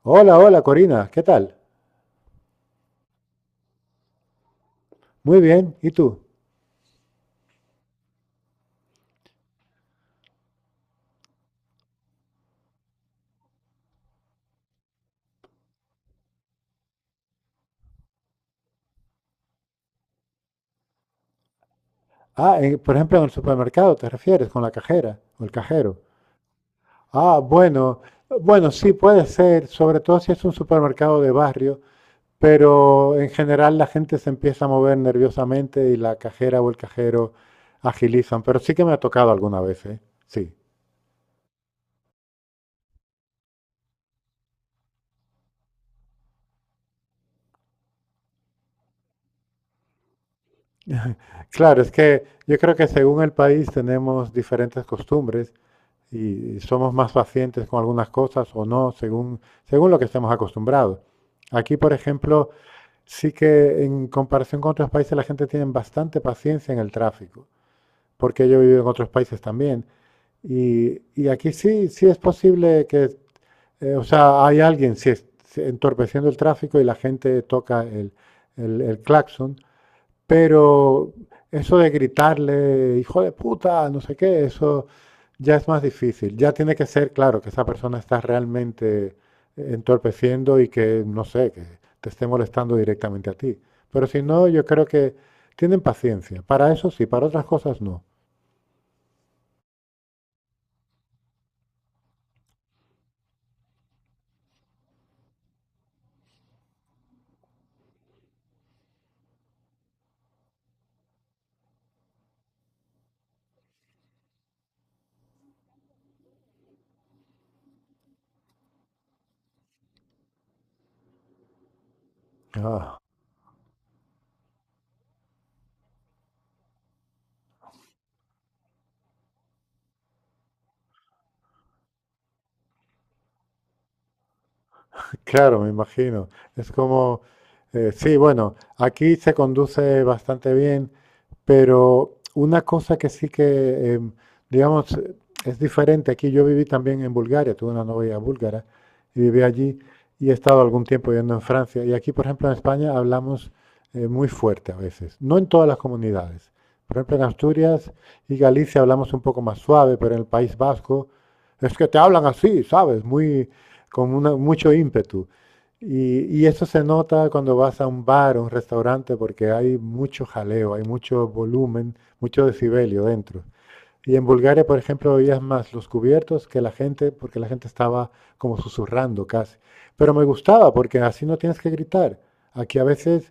Hola, hola Corina, ¿qué tal? Muy bien, ¿y tú? Ah, por ejemplo, en el supermercado te refieres con la cajera o el cajero. Ah, bueno, bueno, sí puede ser, sobre todo si es un supermercado de barrio, pero en general la gente se empieza a mover nerviosamente y la cajera o el cajero agilizan, pero sí que me ha tocado alguna vez, ¿eh? Sí. Claro, es que yo creo que según el país tenemos diferentes costumbres y somos más pacientes con algunas cosas o no, según, según lo que estemos acostumbrados. Aquí, por ejemplo, sí que en comparación con otros países la gente tiene bastante paciencia en el tráfico, porque yo he vivido en otros países también. Y aquí sí, sí es posible que, o sea, hay alguien sí, entorpeciendo el tráfico y la gente toca el claxon, pero eso de gritarle, hijo de puta, no sé qué, eso ya es más difícil. Ya tiene que ser claro que esa persona está realmente entorpeciendo y que, no sé, que te esté molestando directamente a ti. Pero si no, yo creo que tienen paciencia. Para eso sí, para otras cosas no. Ah, claro, me imagino. Es como, sí, bueno, aquí se conduce bastante bien, pero una cosa que sí que, digamos, es diferente. Aquí yo viví también en Bulgaria, tuve una novia búlgara y viví allí y he estado algún tiempo viviendo en Francia. Y aquí, por ejemplo, en España hablamos muy fuerte a veces, no en todas las comunidades. Por ejemplo, en Asturias y Galicia hablamos un poco más suave, pero en el País Vasco es que te hablan así, ¿sabes? Muy, mucho ímpetu. Y eso se nota cuando vas a un bar o un restaurante porque hay mucho jaleo, hay mucho volumen, mucho decibelio dentro. Y en Bulgaria, por ejemplo, oías más los cubiertos que la gente, porque la gente estaba como susurrando casi. Pero me gustaba porque así no tienes que gritar. Aquí a veces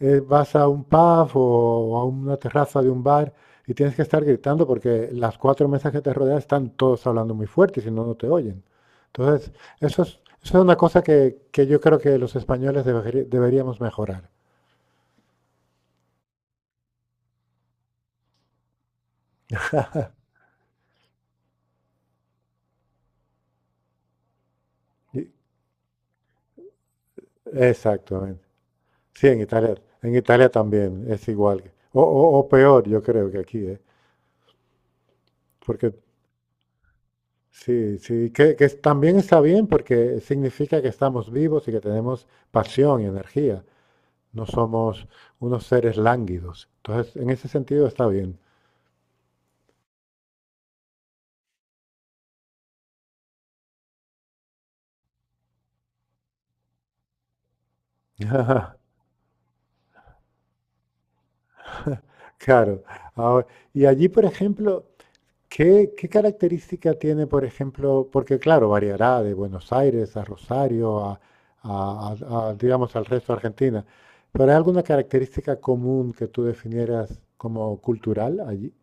vas a un pub o a una terraza de un bar y tienes que estar gritando porque las cuatro mesas que te rodean están todos hablando muy fuerte y si no, no te oyen. Entonces, eso es una cosa que yo creo que los españoles deberíamos mejorar. Y- Exactamente. Sí, en Italia también es igual. O, o peor, yo creo que aquí, ¿eh? Porque sí, sí, que, también está bien porque significa que estamos vivos y que tenemos pasión y energía. No somos unos seres lánguidos. Entonces, en ese sentido está bien. Claro. Ahora, y allí, por ejemplo, ¿qué, qué característica tiene? Por ejemplo, porque claro, variará de Buenos Aires a Rosario, a, digamos, al resto de Argentina, pero ¿hay alguna característica común que tú definieras como cultural allí?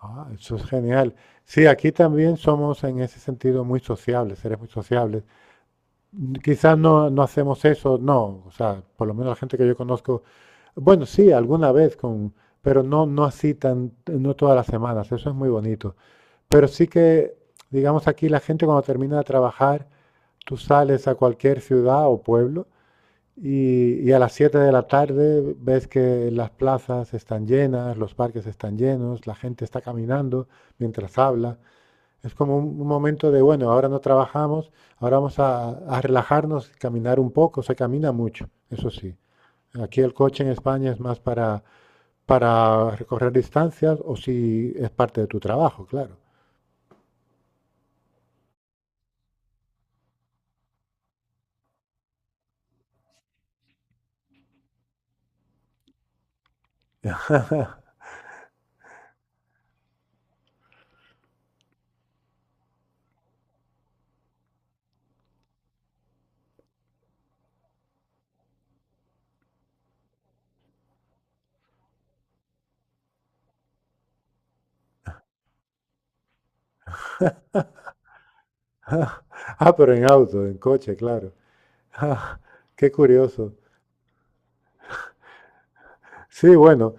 Ah, eso es genial. Sí, aquí también somos en ese sentido muy sociables, seres muy sociables. Mm, quizás no, no hacemos eso, no, o sea, por lo menos la gente que yo conozco, bueno, sí, alguna vez con, pero no, no así tan, no todas las semanas, eso es muy bonito. Pero sí que, digamos, aquí la gente cuando termina de trabajar, tú sales a cualquier ciudad o pueblo y a las 7 de la tarde ves que las plazas están llenas, los parques están llenos, la gente está caminando mientras habla. Es como un momento de, bueno, ahora no trabajamos, ahora vamos a relajarnos, caminar un poco, se camina mucho, eso sí. Aquí el coche en España es más para recorrer distancias o si es parte de tu trabajo, claro. Ah, ah, pero en auto, en coche, claro. Ah, qué curioso. Sí, bueno,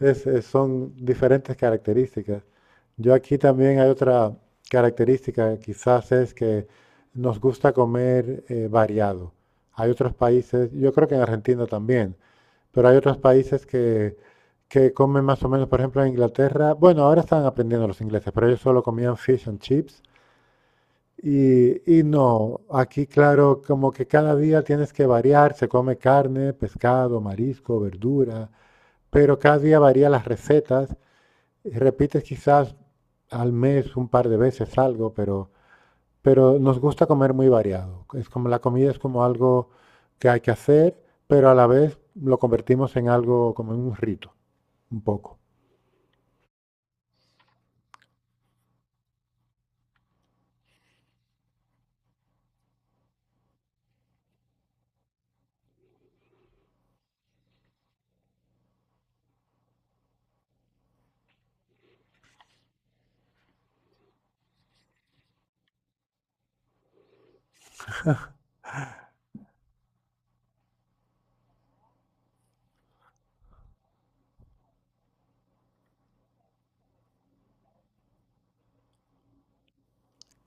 son diferentes características. Yo aquí también hay otra característica, quizás es que nos gusta comer variado. Hay otros países, yo creo que en Argentina también, pero hay otros países que comen más o menos, por ejemplo, en Inglaterra, bueno, ahora están aprendiendo los ingleses, pero ellos solo comían fish and chips. Y no, aquí claro, como que cada día tienes que variar, se come carne, pescado, marisco, verdura, pero cada día varía las recetas, y repites quizás al mes un par de veces algo, pero nos gusta comer muy variado. Es como la comida es como algo que hay que hacer, pero a la vez lo convertimos en algo como en un rito, un poco.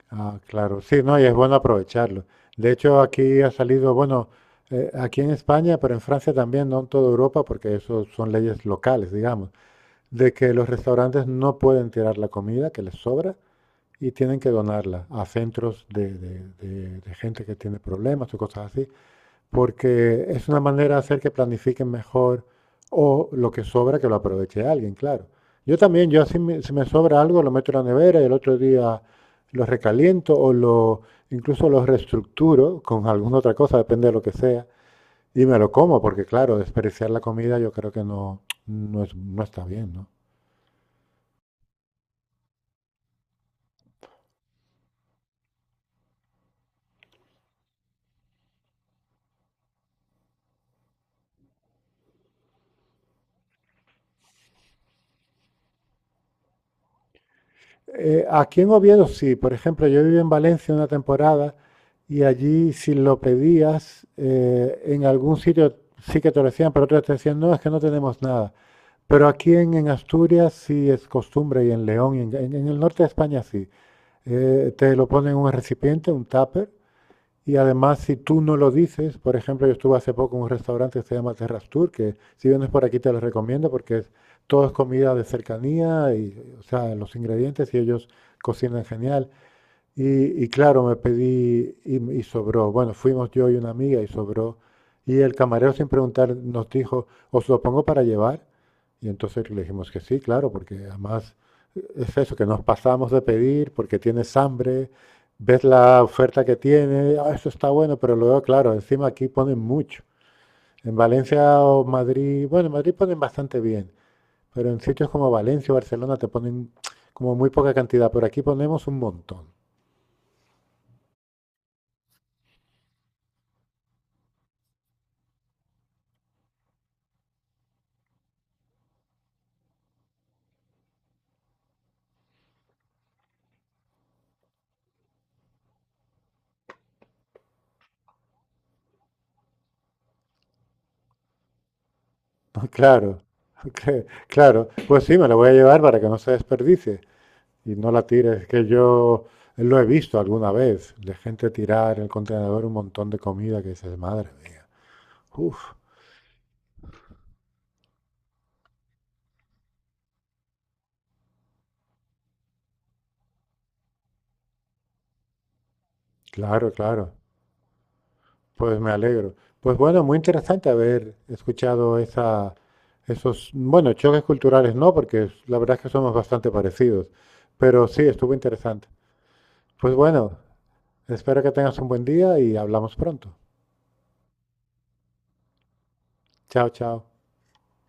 Ah, claro, sí, no, y es bueno aprovecharlo. De hecho, aquí ha salido, bueno, aquí en España, pero en Francia también, no en toda Europa, porque eso son leyes locales, digamos, de que los restaurantes no pueden tirar la comida que les sobra y tienen que donarla a centros de, de gente que tiene problemas o cosas así porque es una manera de hacer que planifiquen mejor o lo que sobra que lo aproveche alguien, claro. Yo también, yo si me, si me sobra algo lo meto en la nevera y el otro día lo recaliento o lo incluso lo reestructuro con alguna otra cosa, depende de lo que sea, y me lo como, porque claro, desperdiciar la comida yo creo que no, no, no está bien, ¿no? Aquí en Oviedo sí, por ejemplo, yo viví en Valencia una temporada y allí si lo pedías, en algún sitio sí que te lo decían, pero otros te decían, no, es que no tenemos nada. Pero aquí en Asturias sí es costumbre y en León y en, el norte de España sí. Te lo ponen en un recipiente, un tupper, y además, si tú no lo dices, por ejemplo, yo estuve hace poco en un restaurante que se llama Terras Tour, que si vienes por aquí te lo recomiendo porque es, todo es comida de cercanía y, o sea, los ingredientes y ellos cocinan genial. Y claro, me pedí y sobró. Bueno, fuimos yo y una amiga y sobró. Y el camarero sin preguntar nos dijo, ¿os lo pongo para llevar? Y entonces le dijimos que sí, claro, porque además es eso, que nos pasamos de pedir porque tienes hambre, ves la oferta que tiene, "Ah, eso está bueno", pero luego, claro, encima aquí ponen mucho. En Valencia o Madrid, bueno, en Madrid ponen bastante bien, pero en sitios como Valencia o Barcelona te ponen como muy poca cantidad, pero aquí ponemos un montón. Ah, claro, claro. Pues sí, me la voy a llevar para que no se desperdicie y no la tires. Que yo lo he visto alguna vez, de gente tirar en el contenedor un montón de comida que dices, madre mía. Uf, claro, claro. Pues me alegro. Pues bueno, muy interesante haber escuchado esa, esos, bueno, choques culturales no, porque la verdad es que somos bastante parecidos. Pero sí, estuvo interesante. Pues bueno, espero que tengas un buen día y hablamos pronto. Chao, chao.